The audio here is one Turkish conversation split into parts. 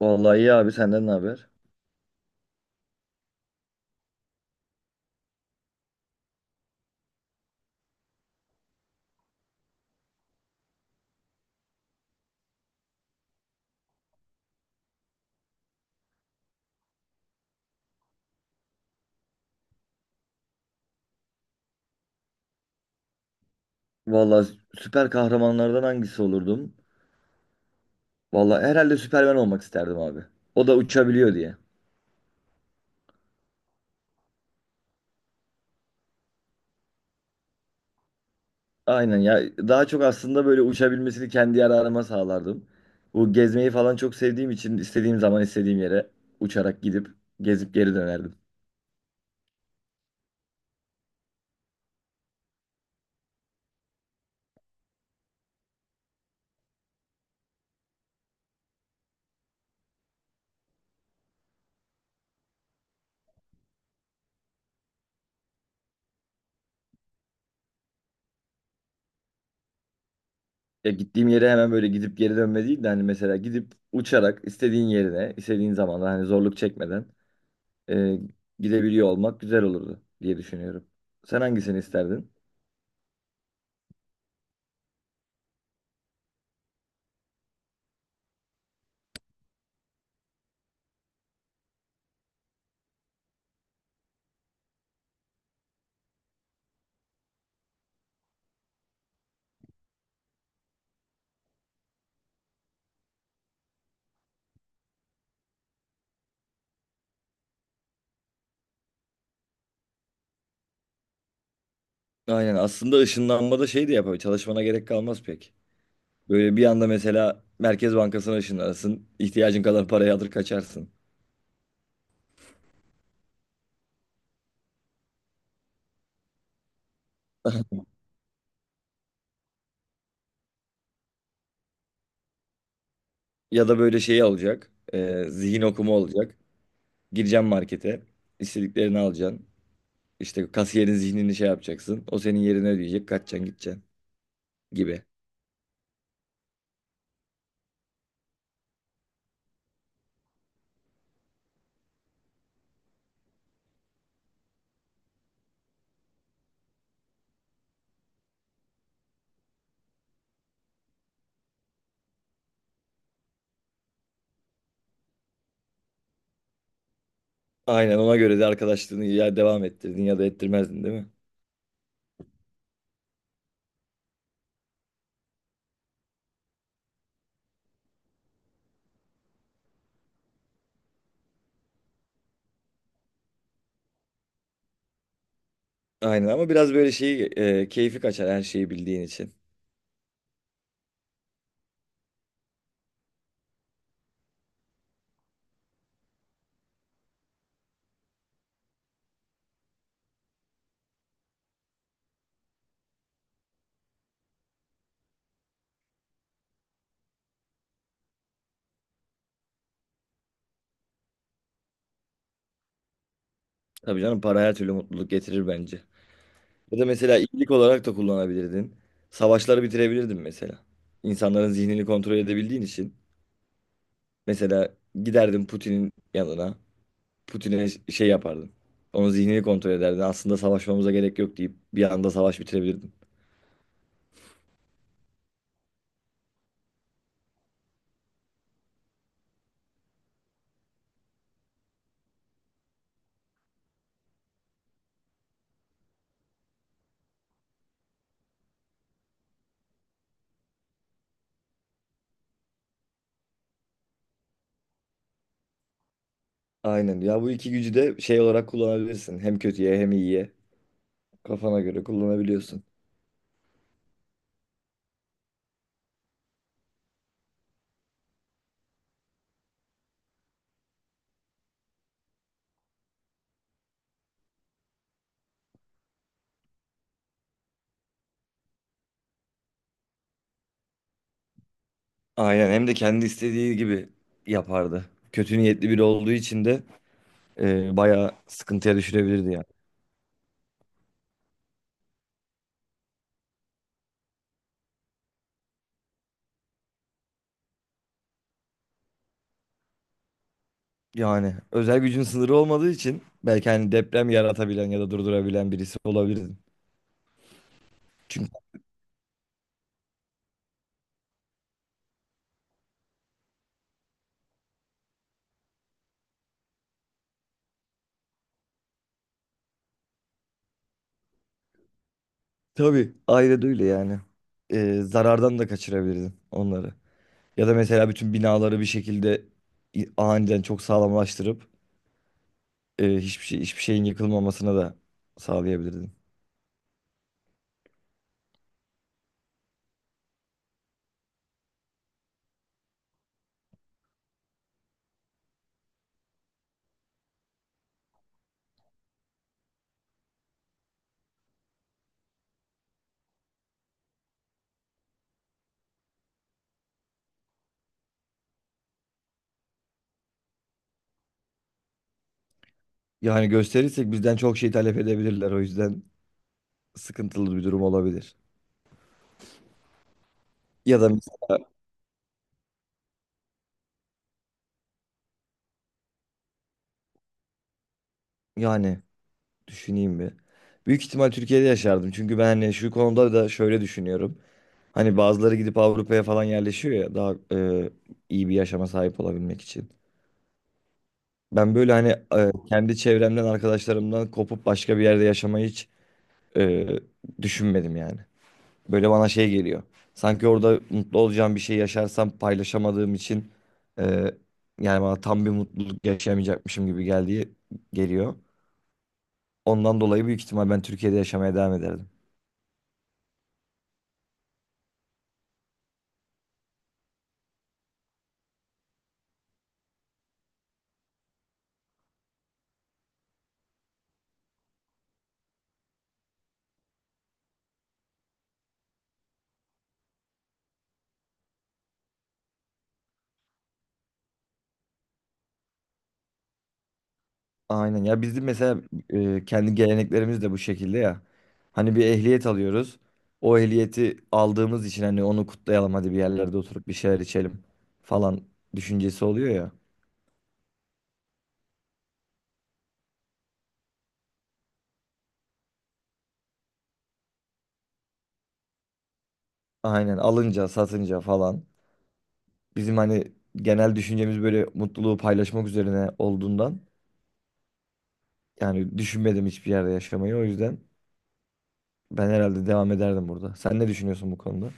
Vallahi iyi abi, senden ne haber? Vallahi süper kahramanlardan hangisi olurdum? Vallahi herhalde Süperman olmak isterdim abi. O da uçabiliyor diye. Aynen ya, daha çok aslında böyle uçabilmesini kendi yararıma sağlardım. Bu gezmeyi falan çok sevdiğim için istediğim zaman istediğim yere uçarak gidip gezip geri dönerdim. Ya gittiğim yere hemen böyle gidip geri dönme değil de hani mesela gidip uçarak istediğin yerine istediğin zamanda hani zorluk çekmeden e, gidebiliyor olmak güzel olurdu diye düşünüyorum. Sen hangisini isterdin? Aynen, aslında ışınlanmada şey de yapabilir. Çalışmana gerek kalmaz pek. Böyle bir anda mesela Merkez Bankası'na ışınlanırsın. İhtiyacın kadar parayı alır kaçarsın. Ya da böyle şeyi alacak. Zihin okuma olacak. Gireceksin markete. İstediklerini alacaksın. İşte kasiyerin zihnini şey yapacaksın. O senin yerine ödeyecek. Kaçacaksın, gideceksin gibi. Aynen, ona göre de arkadaşlığını ya devam ettirdin ya da ettirmezdin, değil mi? Aynen ama biraz böyle şeyi keyfi kaçar her şeyi bildiğin için. Tabii canım, para her türlü mutluluk getirir bence. Ya da mesela iyilik olarak da kullanabilirdin. Savaşları bitirebilirdin mesela. İnsanların zihnini kontrol edebildiğin için. Mesela giderdin Putin'in yanına. Putin'e şey yapardın. Onun zihnini kontrol ederdin. Aslında savaşmamıza gerek yok deyip bir anda savaş bitirebilirdin. Aynen. Ya bu iki gücü de şey olarak kullanabilirsin. Hem kötüye hem iyiye. Kafana göre kullanabiliyorsun. Aynen. Hem de kendi istediği gibi yapardı. Kötü niyetli biri olduğu için de bayağı sıkıntıya düşürebilirdi yani. Yani özel gücün sınırı olmadığı için belki hani deprem yaratabilen ya da durdurabilen birisi olabilirdin. Çünkü tabii ayrı değil yani. Zarardan da kaçırabilirdin onları. Ya da mesela bütün binaları bir şekilde aniden çok sağlamlaştırıp hiçbir şey hiçbir şeyin yıkılmamasına da sağlayabilirdin. Yani gösterirsek bizden çok şey talep edebilirler. O yüzden sıkıntılı bir durum olabilir. Ya da mesela, yani, düşüneyim bir. Büyük ihtimal Türkiye'de yaşardım. Çünkü ben hani şu konuda da şöyle düşünüyorum. Hani bazıları gidip Avrupa'ya falan yerleşiyor ya daha iyi bir yaşama sahip olabilmek için. Ben böyle hani kendi çevremden, arkadaşlarımdan kopup başka bir yerde yaşamayı hiç e, düşünmedim yani. Böyle bana şey geliyor. Sanki orada mutlu olacağım bir şey yaşarsam paylaşamadığım için e, yani bana tam bir mutluluk yaşayamayacakmışım gibi geliyor. Ondan dolayı büyük ihtimal ben Türkiye'de yaşamaya devam ederdim. Aynen ya, bizim mesela kendi geleneklerimiz de bu şekilde ya. Hani bir ehliyet alıyoruz. O ehliyeti aldığımız için hani onu kutlayalım, hadi bir yerlerde oturup bir şeyler içelim falan düşüncesi oluyor ya. Aynen, alınca, satınca falan. Bizim hani genel düşüncemiz böyle mutluluğu paylaşmak üzerine olduğundan yani düşünmedim hiçbir yerde yaşamayı. O yüzden ben herhalde devam ederdim burada. Sen ne düşünüyorsun bu konuda?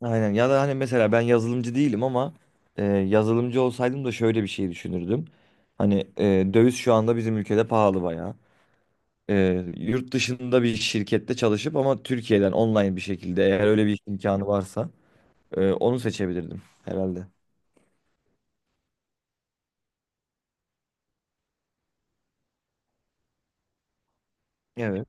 Aynen. Ya da hani mesela ben yazılımcı değilim ama yazılımcı olsaydım da şöyle bir şey düşünürdüm. Hani döviz şu anda bizim ülkede pahalı bayağı. E, Yurt dışında bir şirkette çalışıp ama Türkiye'den online bir şekilde eğer öyle bir imkanı varsa onu seçebilirdim herhalde. Evet,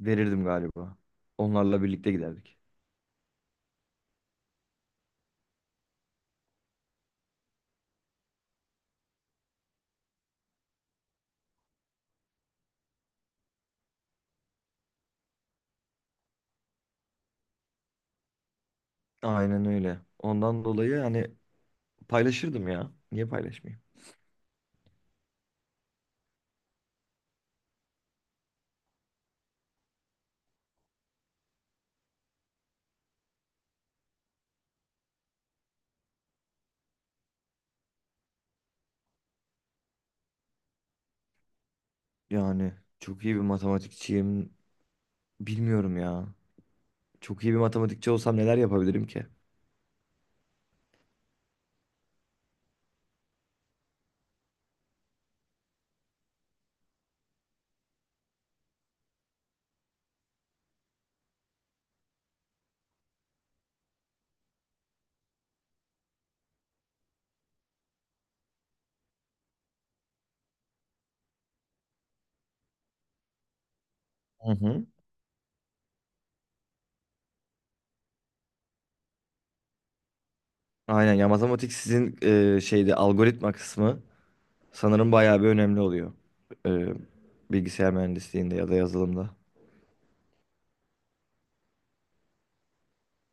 verirdim galiba. Onlarla birlikte giderdik. Aynen öyle. Ondan dolayı hani paylaşırdım ya. Niye paylaşmayayım? Yani çok iyi bir matematikçiyim. Bilmiyorum ya. Çok iyi bir matematikçi olsam neler yapabilirim ki? Hı hı. Aynen ya, matematik sizin şeyde algoritma kısmı sanırım bayağı bir önemli oluyor. E, Bilgisayar mühendisliğinde ya da yazılımda.